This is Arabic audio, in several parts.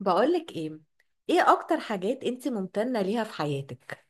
بقولك ايه، ايه اكتر حاجات انت ممتنة ليها في حياتك؟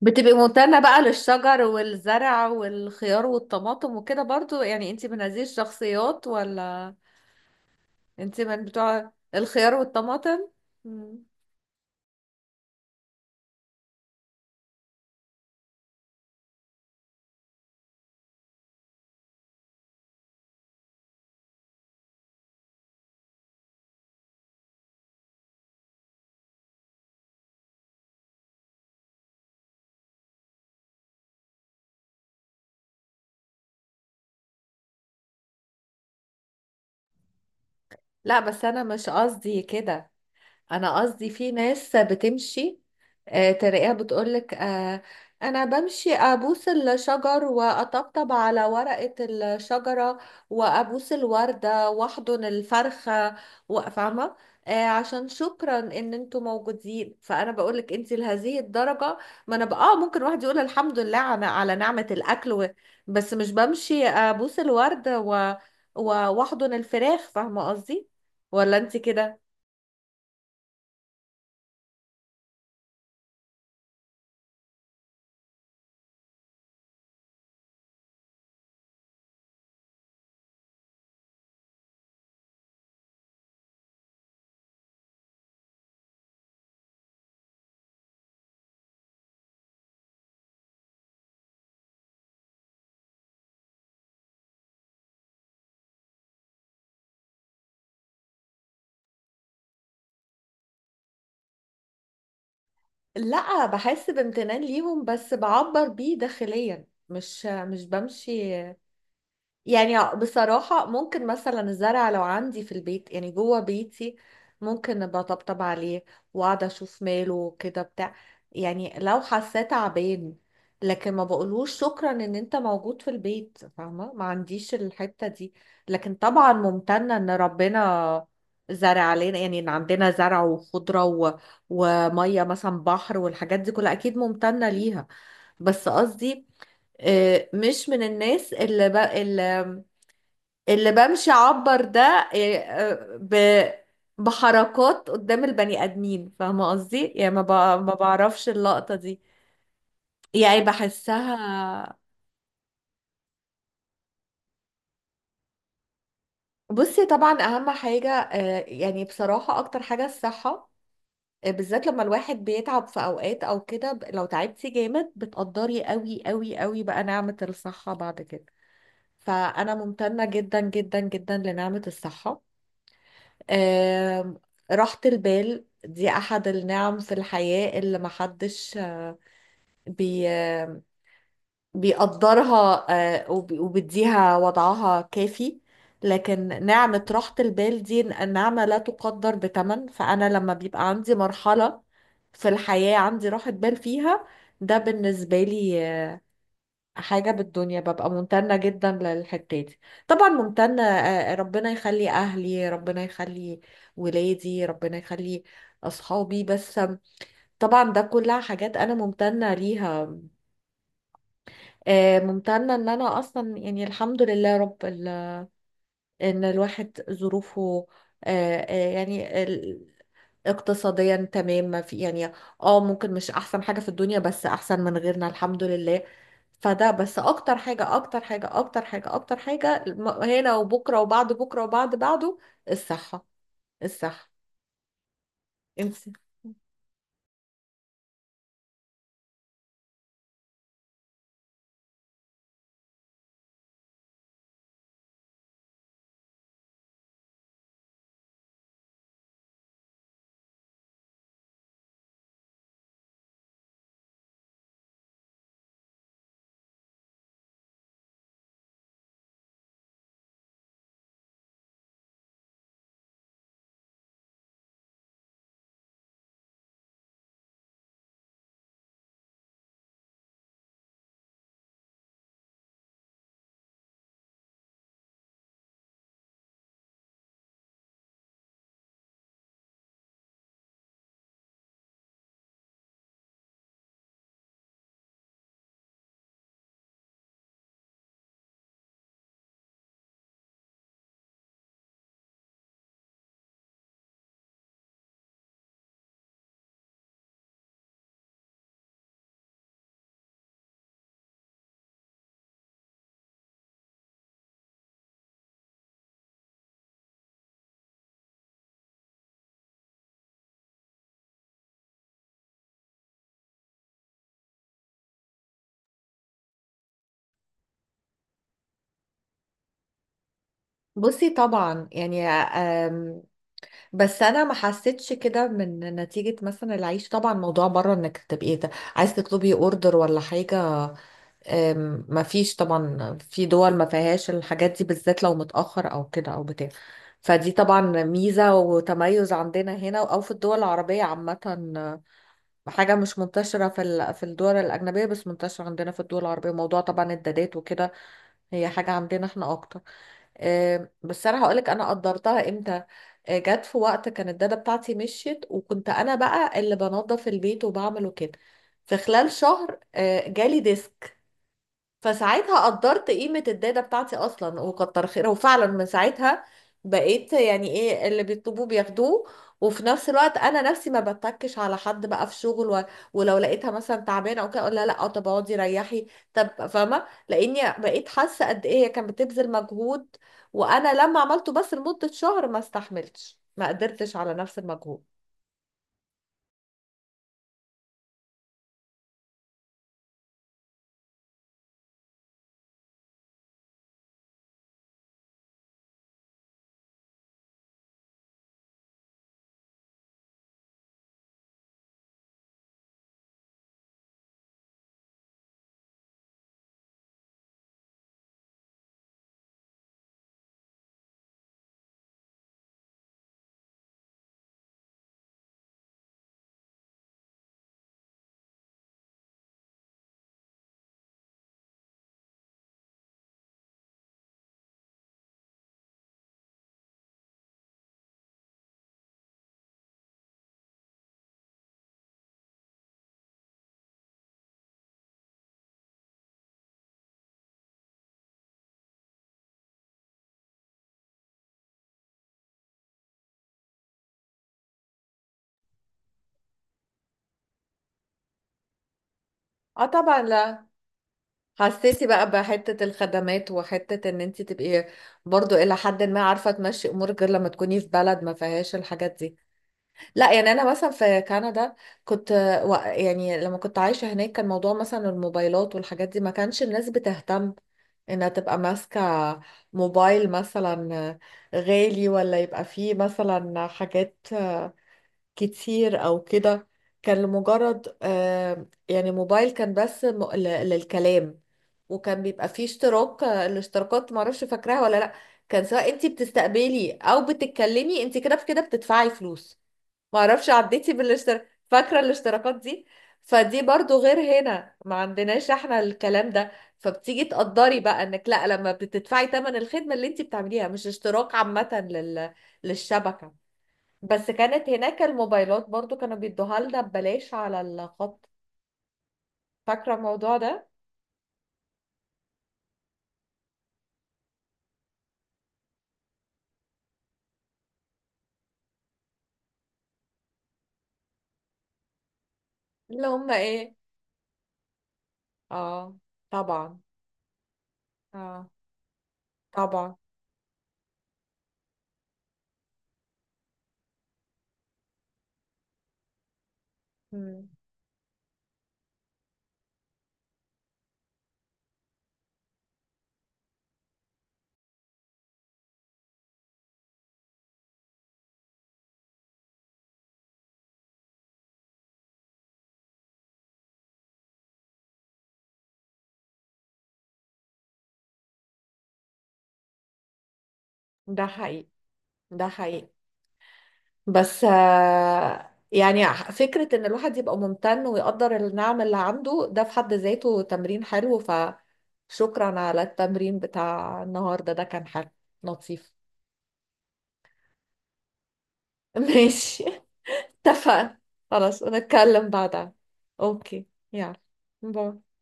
بتبقي ممتنة بقى للشجر والزرع والخيار والطماطم وكده برضو، يعني انت من هذه الشخصيات ولا انت من بتوع الخيار والطماطم؟ مم. لا، بس انا مش قصدي كده. انا قصدي في ناس بتمشي تلاقيها بتقولك انا بمشي ابوس الشجر واطبطب على ورقة الشجرة، وابوس الوردة واحضن الفرخة فاهمة؟ عشان شكرا ان انتوا موجودين، فانا بقولك انت لهذه الدرجة؟ ما انا بقى ممكن واحد يقول الحمد لله على نعمة الاكل بس مش بمشي ابوس الوردة و- واحضن الفراخ، فاهمة قصدي؟ ولا انت كده؟ لا، بحس بامتنان ليهم بس بعبر بيه داخليا، مش بمشي. يعني بصراحة، ممكن مثلا الزرع لو عندي في البيت، يعني جوه بيتي، ممكن بطبطب عليه واقعد اشوف ماله كده بتاع، يعني لو حسيت تعبان. لكن ما بقولهوش شكرا ان انت موجود في البيت، فاهمة؟ ما عنديش الحتة دي. لكن طبعا ممتنة ان ربنا زرع علينا، يعني ان عندنا زرع وخضرة ومية مثلا، بحر والحاجات دي كلها اكيد ممتنة ليها. بس قصدي مش من الناس اللي, ب... اللي اللي بمشي اعبر ده إيه، آه، ب بحركات قدام البني ادمين، فاهمه قصدي؟ يعني ما بعرفش اللقطه دي، يعني بحسها. بصي، طبعا اهم حاجه يعني بصراحه اكتر حاجه الصحه. بالذات لما الواحد بيتعب في اوقات او كده، لو تعبتي جامد بتقدري قوي قوي قوي بقى نعمه الصحه بعد كده. فانا ممتنه جدا جدا جدا لنعمه الصحه. آم، راحة البال دي أحد النعم في الحياة اللي محدش بي بيقدرها، وبيديها وضعها كافي. لكن نعمة راحة البال دي نعمة لا تقدر بثمن. فأنا لما بيبقى عندي مرحلة في الحياة عندي راحة بال فيها، ده بالنسبة لي حاجة بالدنيا ببقى ممتنة جدا للحتة دي. طبعا ممتنة، ربنا يخلي أهلي، ربنا يخلي ولادي، ربنا يخلي أصحابي، بس طبعا ده كلها حاجات أنا ممتنة ليها. ممتنة إن أنا أصلا يعني الحمد لله رب إن الواحد ظروفه آه، يعني اقتصاديا تمام، ما في يعني اه ممكن مش احسن حاجة في الدنيا بس احسن من غيرنا الحمد لله. فده بس، اكتر حاجة اكتر حاجة اكتر حاجة اكتر حاجة هنا وبكرة وبعد بكرة وبعد بعده، الصحة، الصحة. انت، بصي طبعا يعني بس انا ما حسيتش كده من نتيجة مثلا العيش. طبعا موضوع بره انك تبقي عايز تطلبي اوردر ولا حاجة، مفيش طبعا في دول ما فيهاش الحاجات دي، بالذات لو متأخر او كده او بتاع. فدي طبعا ميزة وتميز عندنا هنا او في الدول العربية عامة، حاجة مش منتشرة في الدول الأجنبية بس منتشرة عندنا في الدول العربية. موضوع طبعا الدادات وكده، هي حاجة عندنا احنا اكتر. بس انا هقولك انا قدرتها امتى. جت في وقت كان الدادة بتاعتي مشيت وكنت انا بقى اللي بنظف البيت وبعمله كده. في خلال شهر جالي ديسك، فساعتها قدرت قيمة الداتا بتاعتي أصلا وكتر خيرها. وفعلا من ساعتها بقيت يعني إيه، اللي بيطلبوه بياخدوه. وفي نفس الوقت أنا نفسي ما بتكش على حد بقى في شغل ولو لقيتها مثلا تعبانة أو كده أقول لها لأ طب اقعدي ريحي، طب، فاهمة؟ لأني بقيت حاسة قد إيه هي كانت بتبذل مجهود. وأنا لما عملته بس لمدة شهر ما استحملتش، ما قدرتش على نفس المجهود. اه طبعا، لا، حسيتي بقى بحتة الخدمات وحتة ان انت تبقي برضو الى حد ما عارفة تمشي امورك غير لما تكوني في بلد ما فيهاش الحاجات دي. لا، يعني انا مثلا في كندا كنت يعني لما كنت عايشة هناك كان موضوع مثلا الموبايلات والحاجات دي، ما كانش الناس بتهتم انها تبقى ماسكة موبايل مثلا غالي ولا يبقى فيه مثلا حاجات كتير او كده. كان لمجرد يعني موبايل كان بس للكلام. وكان بيبقى فيه اشتراك، الاشتراكات معرفش فاكراها ولا لا. كان سواء انت بتستقبلي او بتتكلمي انت كده بكده بتدفعي فلوس. معرفش عديتي بالاشتراك، فاكرة الاشتراكات دي؟ فدي برضو غير هنا، ما عندناش احنا الكلام ده. فبتيجي تقدري بقى انك لا، لما بتدفعي تمن الخدمة اللي انت بتعمليها مش اشتراك عامة للشبكة. بس كانت هناك الموبايلات برضو كانوا بيدوها لنا ببلاش على الخط، فاكرة الموضوع ده؟ اللي هم ايه؟ اه طبعا. اه طبعا. مم. ده حقيقي. ده حقيقي. بس يعني فكرة ان الواحد يبقى ممتن ويقدر النعم اللي عنده، ده في حد ذاته تمرين حلو. فشكرا على التمرين بتاع النهاردة، ده كان حلو، لطيف. ماشي، اتفقنا. خلاص، ونتكلم بعدها. اوكي. يلا باي.